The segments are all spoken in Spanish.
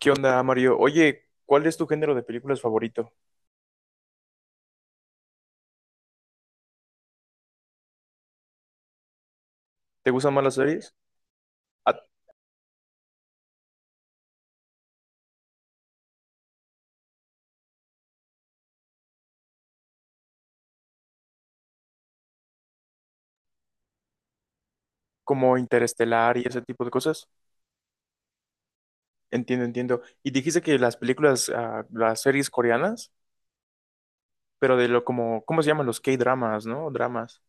¿Qué onda, Mario? Oye, ¿cuál es tu género de películas favorito? ¿Te gustan más las series? Ah. Como Interestelar y ese tipo de cosas. Entiendo, entiendo. Y dijiste que las películas, las series coreanas, pero de lo como, ¿cómo se llaman? Los K-dramas, ¿no? Dramas.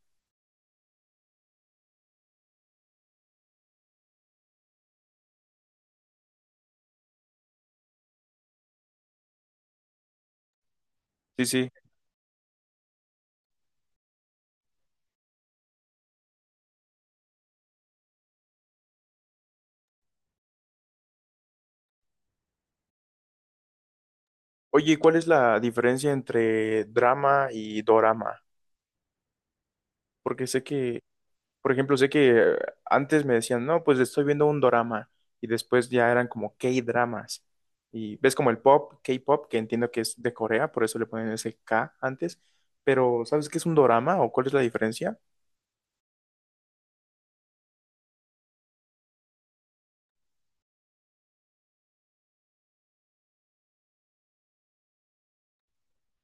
Sí, sí. Oye, ¿cuál es la diferencia entre drama y dorama? Porque sé que. Por ejemplo, sé que antes me decían, no, pues estoy viendo un dorama y después ya eran como K-dramas. Y ves como el pop, K-pop, que entiendo que es de Corea, por eso le ponen ese K antes, pero ¿sabes qué es un dorama o cuál es la diferencia?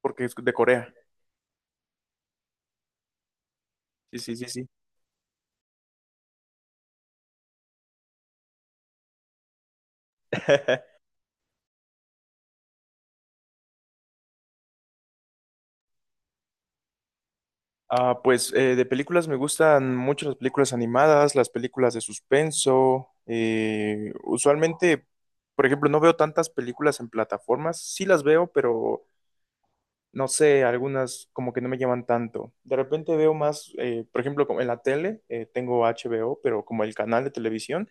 Porque es de Corea. Sí, sí, sí, sí. De películas me gustan mucho las películas animadas, las películas de suspenso, usualmente, por ejemplo, no veo tantas películas en plataformas. Sí las veo, pero no sé, algunas como que no me llaman tanto. De repente veo más, por ejemplo, como en la tele, tengo HBO, pero como el canal de televisión,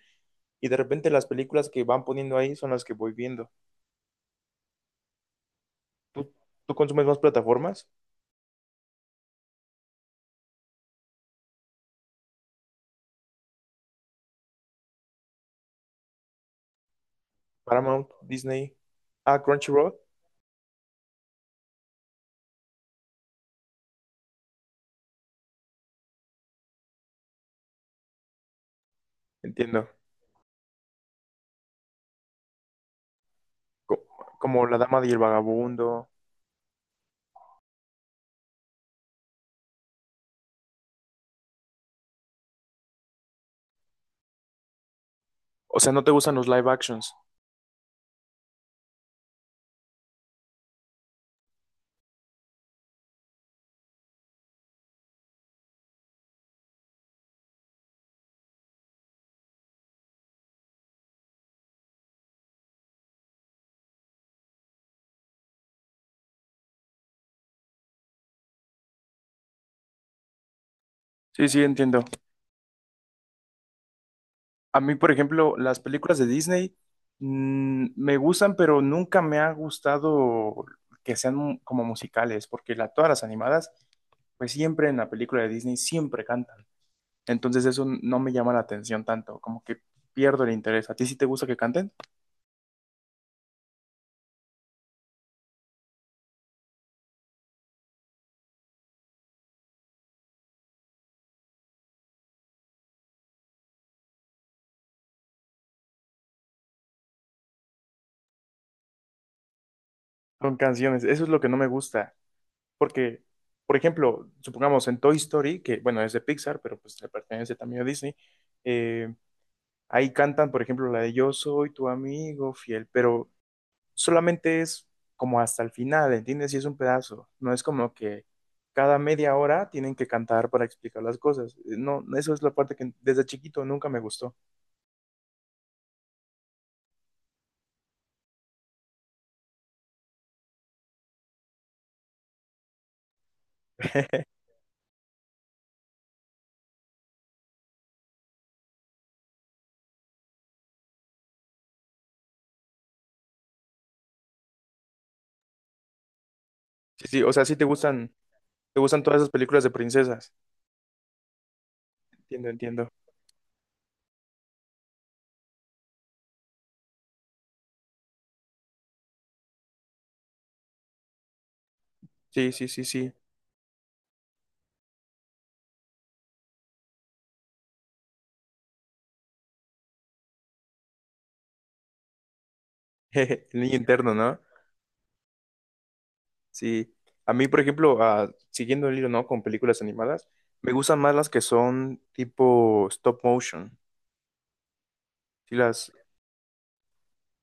y de repente las películas que van poniendo ahí son las que voy viendo. ¿Tú, tú consumes más plataformas? Paramount, Disney, ah, Crunchyroll, entiendo. Co- Como La Dama y el Vagabundo. O sea, ¿no te gustan los live actions? Sí, sí, entiendo. A mí, por ejemplo, las películas de Disney, me gustan, pero nunca me ha gustado que sean como musicales, porque todas las animadas, pues siempre en la película de Disney siempre cantan. Entonces eso no me llama la atención tanto, como que pierdo el interés. ¿A ti sí te gusta que canten? Con canciones, eso es lo que no me gusta, porque, por ejemplo, supongamos en Toy Story, que bueno, es de Pixar, pero pues le pertenece también a Disney, eh, ahí cantan, por ejemplo, la de Yo soy tu amigo fiel, pero solamente es como hasta el final, ¿entiendes? Y es un pedazo, no es como que cada media hora tienen que cantar para explicar las cosas. No, eso es la parte que desde chiquito nunca me gustó. Sí, sí, o sea, sí te gustan todas esas películas de princesas. Entiendo, entiendo. Sí, sí, sí, sí. El niño interno, ¿no? Sí. A mí, por ejemplo, siguiendo el hilo, ¿no? Con películas animadas, me gustan más las que son tipo stop motion. Sí,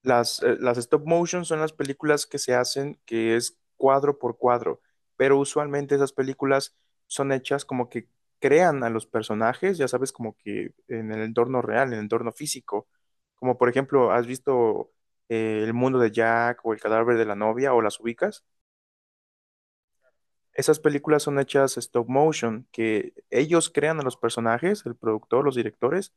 las, las stop motion son las películas que se hacen que es cuadro por cuadro, pero usualmente esas películas son hechas como que crean a los personajes, ya sabes, como que en el entorno real, en el entorno físico. Como por ejemplo, ¿has visto El mundo de Jack o El cadáver de la novia o las ubicas? Esas películas son hechas stop motion, que ellos crean a los personajes, el productor, los directores,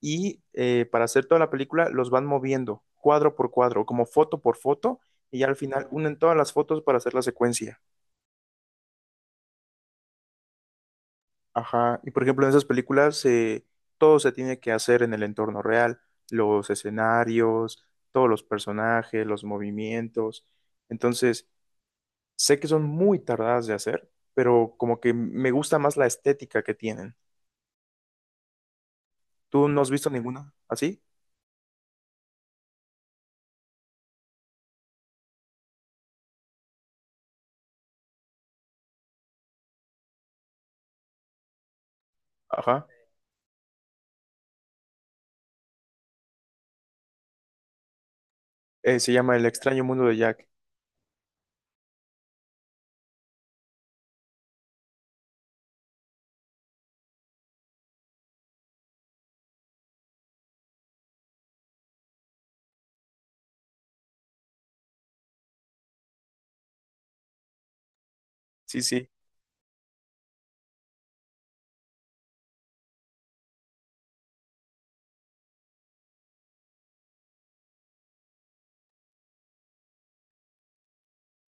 y para hacer toda la película los van moviendo cuadro por cuadro, como foto por foto, y ya al final unen todas las fotos para hacer la secuencia. Ajá. Y por ejemplo, en esas películas todo se tiene que hacer en el entorno real, los escenarios, todos los personajes, los movimientos. Entonces, sé que son muy tardadas de hacer, pero como que me gusta más la estética que tienen. ¿Tú no has visto ninguna? ¿Así? Ajá. Se llama El extraño mundo de Jack. Sí, sí,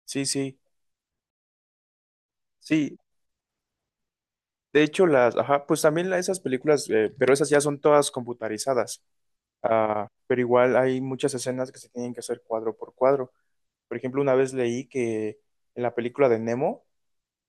sí, sí, sí. De hecho, las, ajá, pues también esas películas, pero esas ya son todas computarizadas. Ah, pero igual hay muchas escenas que se tienen que hacer cuadro por cuadro. Por ejemplo, una vez leí que en la película de Nemo,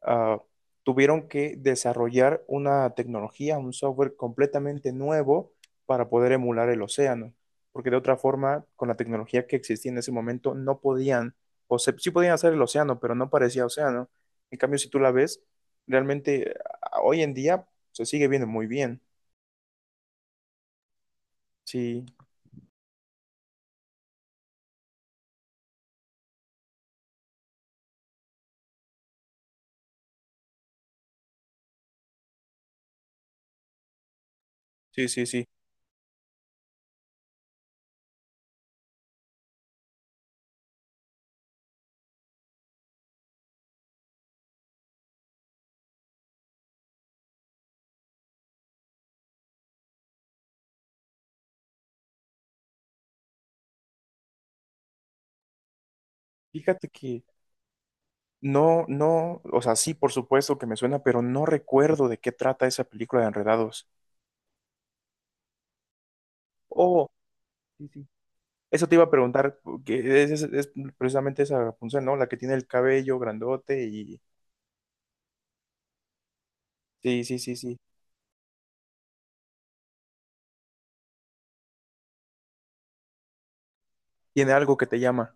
ah, tuvieron que desarrollar una tecnología, un software completamente nuevo para poder emular el océano, porque de otra forma, con la tecnología que existía en ese momento, no podían, o se, sí podían hacer el océano, pero no parecía océano. En cambio, si tú la ves, realmente ah, hoy en día se sigue viendo muy bien. Sí, sí, sí, sí. Fíjate que no, no, o sea, sí, por supuesto que me suena, pero no recuerdo de qué trata esa película de Enredados. Oh, sí, sí. Eso te iba a preguntar, que es precisamente esa punción, ¿no? La que tiene el cabello grandote y... Sí, sí, sí, sí. Tiene algo que te llama.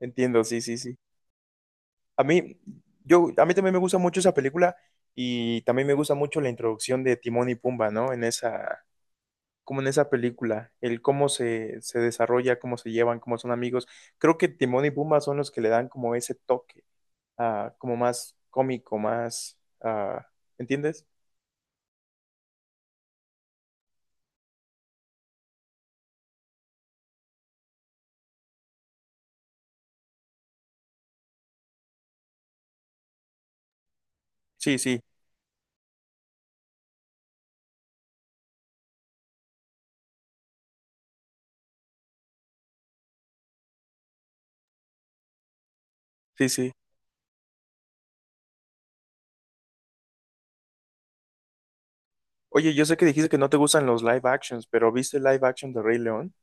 Entiendo, sí, sí, sí. A mí, yo, a mí también me gusta mucho esa película y también me gusta mucho la introducción de Timón y Pumba, ¿no? En esa, como en esa película, el cómo se desarrolla, cómo se llevan, cómo son amigos. Creo que Timón y Pumba son los que le dan como ese toque, como más cómico, más, ah, ¿entiendes? Sí, sí, sí, sí. Oye, yo sé que dijiste que no te gustan los live actions, pero ¿viste el live action de Rey León?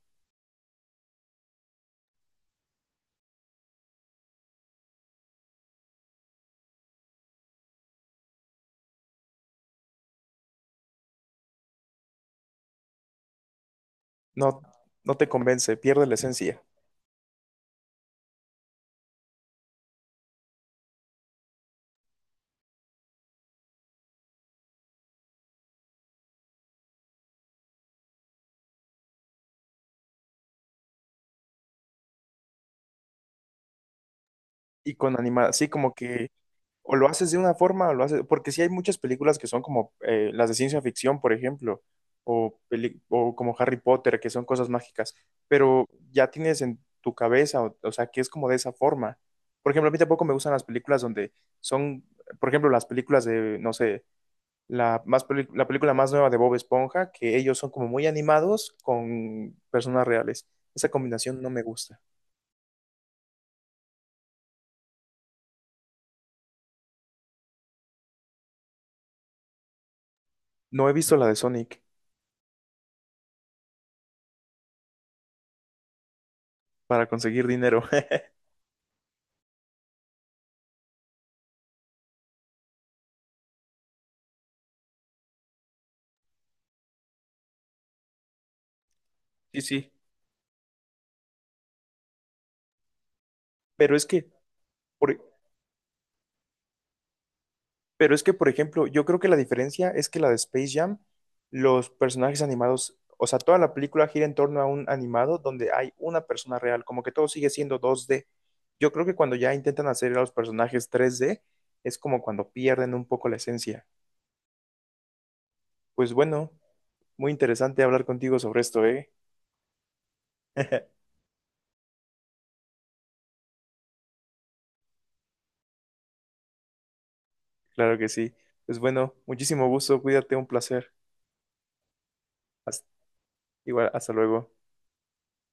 No, no te convence, pierde la esencia. Y con animada, sí, como que o lo haces de una forma o lo haces, porque sí hay muchas películas que son como las de ciencia ficción, por ejemplo, o, o como Harry Potter, que son cosas mágicas, pero ya tienes en tu cabeza, o sea, que es como de esa forma. Por ejemplo, a mí tampoco me gustan las películas donde son, por ejemplo, las películas de, no sé, la, la película más nueva de Bob Esponja, que ellos son como muy animados con personas reales. Esa combinación no me gusta. No he visto la de Sonic para conseguir dinero. Sí, sí. Pero es que, por- pero es que, por ejemplo, yo creo que la diferencia es que la de Space Jam, los personajes animados, o sea, toda la película gira en torno a un animado donde hay una persona real, como que todo sigue siendo dos d. Yo creo que cuando ya intentan hacer a los personajes tres d es como cuando pierden un poco la esencia. Pues bueno, muy interesante hablar contigo sobre esto, ¿eh? Claro que sí. Pues bueno, muchísimo gusto, cuídate, un placer. Hasta- igual, hasta luego.